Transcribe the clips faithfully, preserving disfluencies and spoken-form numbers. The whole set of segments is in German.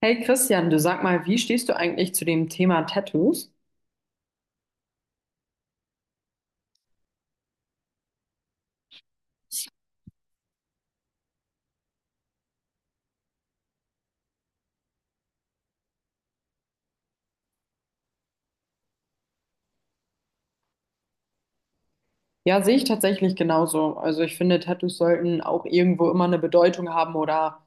Hey Christian, du sag mal, wie stehst du eigentlich zu dem Thema Tattoos? Ja, sehe ich tatsächlich genauso. Also ich finde, Tattoos sollten auch irgendwo immer eine Bedeutung haben oder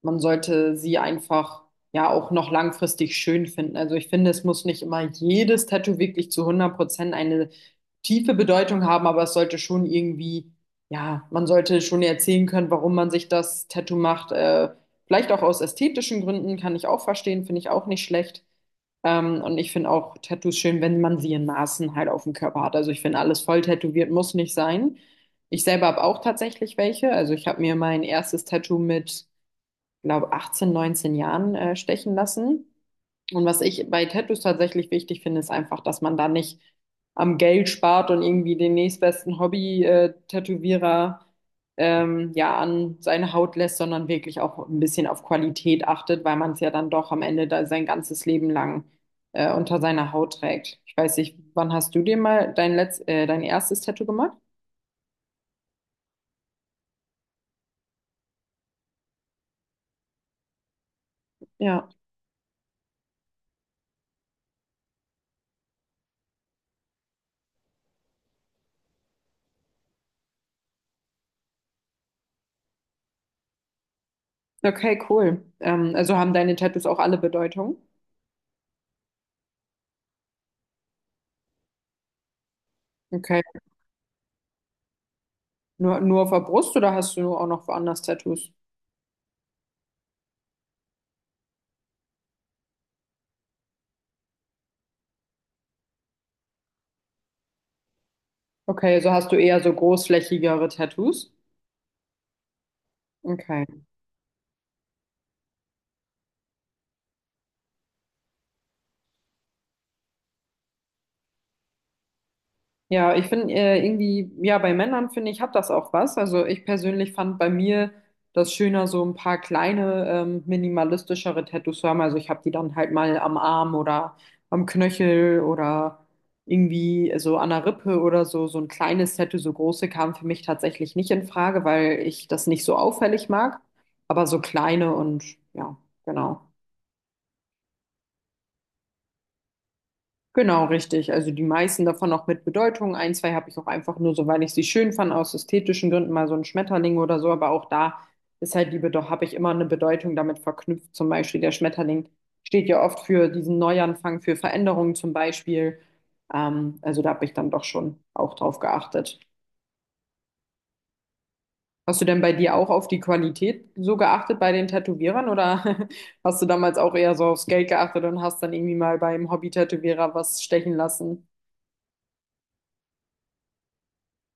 man sollte sie einfach ja auch noch langfristig schön finden. Also ich finde, es muss nicht immer jedes Tattoo wirklich zu hundert Prozent eine tiefe Bedeutung haben, aber es sollte schon irgendwie, ja, man sollte schon erzählen können, warum man sich das Tattoo macht. Äh, vielleicht auch aus ästhetischen Gründen, kann ich auch verstehen, finde ich auch nicht schlecht. Ähm, und ich finde auch Tattoos schön, wenn man sie in Maßen halt auf dem Körper hat. Also ich finde, alles voll tätowiert muss nicht sein. Ich selber habe auch tatsächlich welche. Also ich habe mir mein erstes Tattoo mit, glaube achtzehn, neunzehn Jahren äh, stechen lassen. Und was ich bei Tattoos tatsächlich wichtig finde, ist einfach, dass man da nicht am Geld spart und irgendwie den nächstbesten Hobby-Tätowierer ähm, ja an seine Haut lässt, sondern wirklich auch ein bisschen auf Qualität achtet, weil man es ja dann doch am Ende da sein ganzes Leben lang äh, unter seiner Haut trägt. Ich weiß nicht, wann hast du dir mal dein letzt, äh, dein erstes Tattoo gemacht? Ja. Okay, cool. Ähm, also haben deine Tattoos auch alle Bedeutung? Okay. Nur, nur auf der Brust oder hast du auch noch woanders Tattoos? Okay, so hast du eher so großflächigere Tattoos. Okay. Ja, ich finde äh, irgendwie, ja, bei Männern finde ich, hat das auch was. Also ich persönlich fand bei mir das schöner, so ein paar kleine, ähm, minimalistischere Tattoos zu haben. Also ich habe die dann halt mal am Arm oder am Knöchel oder irgendwie so an der Rippe oder so. So ein kleines Tattoo, so große kam für mich tatsächlich nicht in Frage, weil ich das nicht so auffällig mag. Aber so kleine und ja, genau. Genau, richtig. Also die meisten davon auch mit Bedeutung. Ein, zwei habe ich auch einfach nur so, weil ich sie schön fand, aus ästhetischen Gründen, mal so ein Schmetterling oder so. Aber auch da ist halt die Bedeutung, habe ich immer eine Bedeutung damit verknüpft. Zum Beispiel der Schmetterling steht ja oft für diesen Neuanfang, für Veränderungen zum Beispiel. Ähm, also da habe ich dann doch schon auch drauf geachtet. Hast du denn bei dir auch auf die Qualität so geachtet bei den Tätowierern oder hast du damals auch eher so aufs Geld geachtet und hast dann irgendwie mal beim Hobby-Tätowierer was stechen lassen?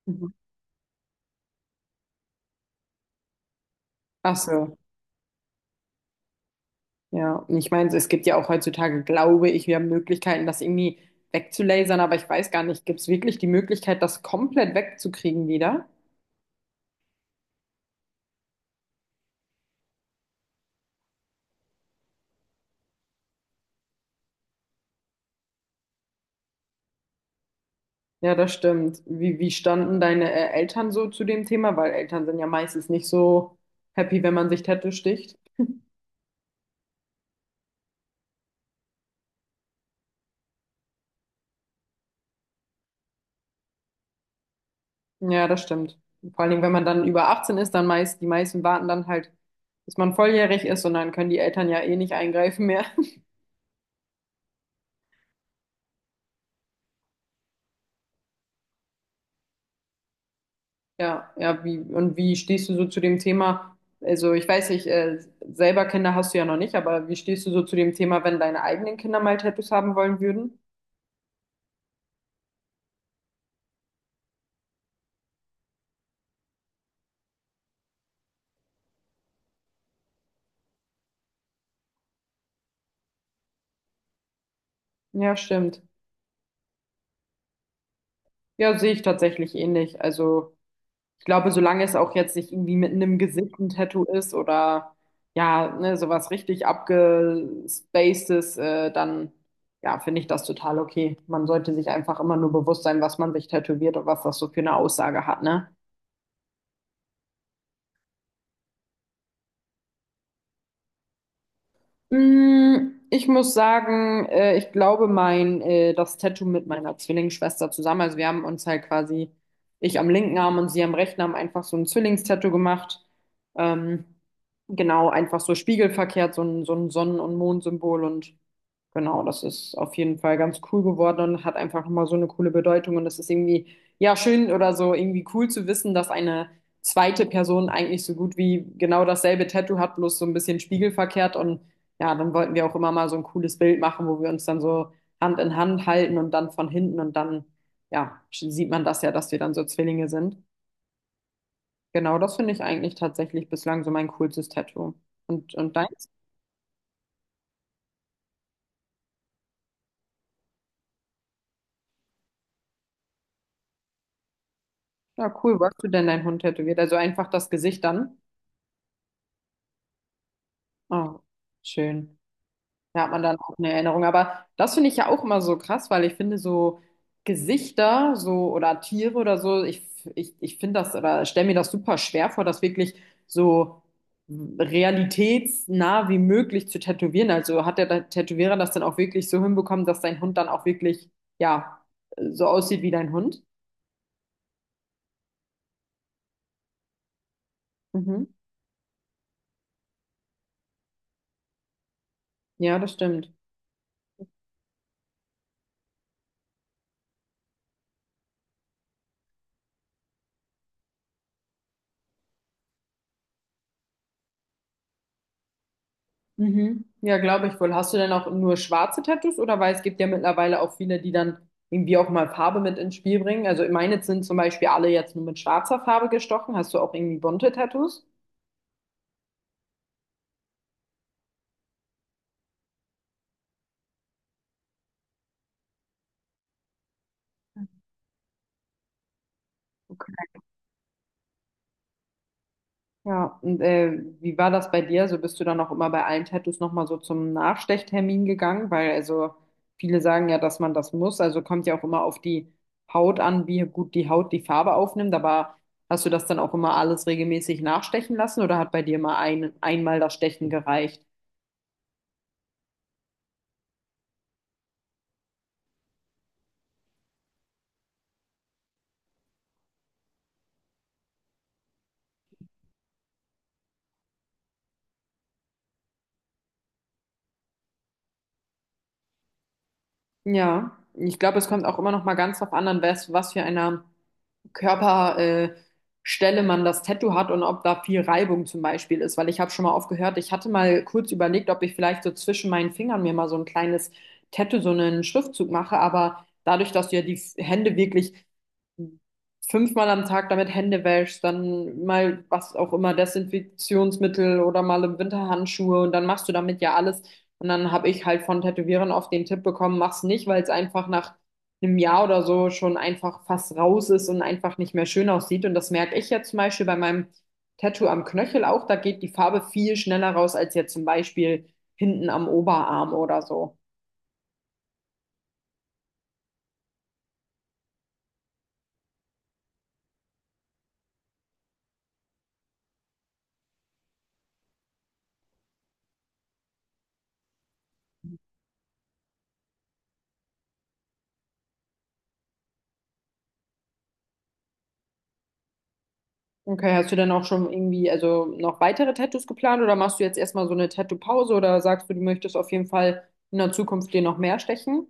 Mhm. Ach so. Ja, und ich meine, es gibt ja auch heutzutage, glaube ich, wir haben Möglichkeiten, das irgendwie wegzulasern, aber ich weiß gar nicht, gibt es wirklich die Möglichkeit, das komplett wegzukriegen wieder? Ja, das stimmt. Wie, wie standen deine äh, Eltern so zu dem Thema? Weil Eltern sind ja meistens nicht so happy, wenn man sich Tattoo sticht. Ja, das stimmt. Vor allen Dingen, wenn man dann über achtzehn ist, dann meist, die meisten warten dann halt, bis man volljährig ist und dann können die Eltern ja eh nicht eingreifen mehr. Ja, ja, wie, und wie stehst du so zu dem Thema? Also ich weiß nicht, äh, selber Kinder hast du ja noch nicht, aber wie stehst du so zu dem Thema, wenn deine eigenen Kinder mal Tattoos haben wollen würden? Ja, stimmt. Ja, sehe ich tatsächlich ähnlich. Also ich glaube, solange es auch jetzt nicht irgendwie mitten im Gesicht ein Tattoo ist oder ja, ne, sowas richtig abgespacedes, äh, dann ja, finde ich das total okay. Man sollte sich einfach immer nur bewusst sein, was man sich tätowiert und was das so für eine Aussage hat, ne? Mm, ich muss sagen, äh, ich glaube mein, äh, das Tattoo mit meiner Zwillingsschwester zusammen. Also wir haben uns halt quasi, ich am linken Arm und sie am rechten Arm einfach so ein Zwillingstattoo gemacht. Ähm, genau, einfach so spiegelverkehrt, so ein, so ein Sonnen- und Mondsymbol und genau, das ist auf jeden Fall ganz cool geworden und hat einfach nochmal so eine coole Bedeutung und das ist irgendwie, ja, schön oder so irgendwie cool zu wissen, dass eine zweite Person eigentlich so gut wie genau dasselbe Tattoo hat, bloß so ein bisschen spiegelverkehrt und ja, dann wollten wir auch immer mal so ein cooles Bild machen, wo wir uns dann so Hand in Hand halten und dann von hinten und dann, ja, sch- sieht man das ja, dass wir dann so Zwillinge sind. Genau, das finde ich eigentlich tatsächlich bislang so mein coolstes Tattoo. Und, und deins? Ja, cool. Wo hast du denn deinen Hund tätowiert? Also einfach das Gesicht dann? Oh, schön. Da hat man dann auch eine Erinnerung. Aber das finde ich ja auch immer so krass, weil ich finde so Gesichter so oder Tiere oder so, ich, ich, ich finde das oder stelle mir das super schwer vor, das wirklich so realitätsnah wie möglich zu tätowieren. Also hat der Tätowierer das dann auch wirklich so hinbekommen, dass dein Hund dann auch wirklich, ja, so aussieht wie dein Hund? Mhm. Ja, das stimmt. Mhm. Ja, glaube ich wohl. Hast du denn auch nur schwarze Tattoos oder weil es gibt ja mittlerweile auch viele, die dann irgendwie auch mal Farbe mit ins Spiel bringen. Also meine sind zum Beispiel alle jetzt nur mit schwarzer Farbe gestochen. Hast du auch irgendwie bunte Tattoos? Ja, und äh, wie war das bei dir? So bist du dann auch immer bei allen Tattoos nochmal so zum Nachstechtermin gegangen? Weil also viele sagen ja, dass man das muss. Also kommt ja auch immer auf die Haut an, wie gut die Haut die Farbe aufnimmt. Aber hast du das dann auch immer alles regelmäßig nachstechen lassen oder hat bei dir mal ein, einmal das Stechen gereicht? Ja, ich glaube, es kommt auch immer noch mal ganz drauf an, an was, was für einer Körperstelle äh, Stelle man das Tattoo hat und ob da viel Reibung zum Beispiel ist. Weil ich habe schon mal oft gehört, ich hatte mal kurz überlegt, ob ich vielleicht so zwischen meinen Fingern mir mal so ein kleines Tattoo, so einen Schriftzug mache. Aber dadurch, dass du ja die Hände wirklich fünfmal am Tag damit Hände wäschst, dann mal was auch immer, Desinfektionsmittel oder mal im Winter Handschuhe und dann machst du damit ja alles. Und dann habe ich halt von Tätowierern oft den Tipp bekommen, mach's nicht, weil es einfach nach einem Jahr oder so schon einfach fast raus ist und einfach nicht mehr schön aussieht. Und das merke ich ja zum Beispiel bei meinem Tattoo am Knöchel auch. Da geht die Farbe viel schneller raus als jetzt zum Beispiel hinten am Oberarm oder so. Okay, hast du denn auch schon irgendwie, also noch weitere Tattoos geplant oder machst du jetzt erstmal so eine Tattoo-Pause oder sagst du, du möchtest auf jeden Fall in der Zukunft dir noch mehr stechen?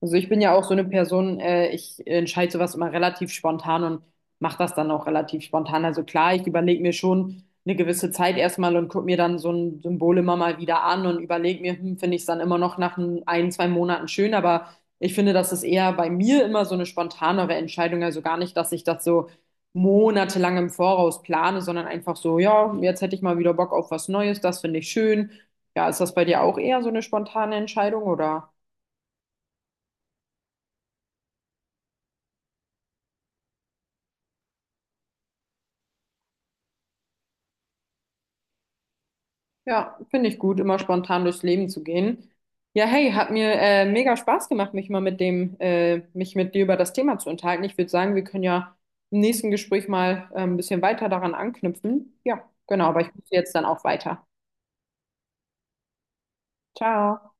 Also ich bin ja auch so eine Person, äh, ich entscheide sowas immer relativ spontan und mache das dann auch relativ spontan. Also klar, ich überlege mir schon eine gewisse Zeit erstmal und gucke mir dann so ein Symbol immer mal wieder an und überlege mir, hm, finde ich es dann immer noch nach ein, ein, zwei Monaten schön. Aber ich finde, das ist eher bei mir immer so eine spontanere Entscheidung. Also gar nicht, dass ich das so monatelang im Voraus plane, sondern einfach so, ja, jetzt hätte ich mal wieder Bock auf was Neues, das finde ich schön. Ja, ist das bei dir auch eher so eine spontane Entscheidung oder? Ja, finde ich gut, immer spontan durchs Leben zu gehen. Ja, hey, hat mir äh, mega Spaß gemacht, mich mal mit dem, äh, mich mit dir über das Thema zu unterhalten. Ich würde sagen, wir können ja im nächsten Gespräch mal äh, ein bisschen weiter daran anknüpfen. Ja, genau, aber ich muss jetzt dann auch weiter. Ciao.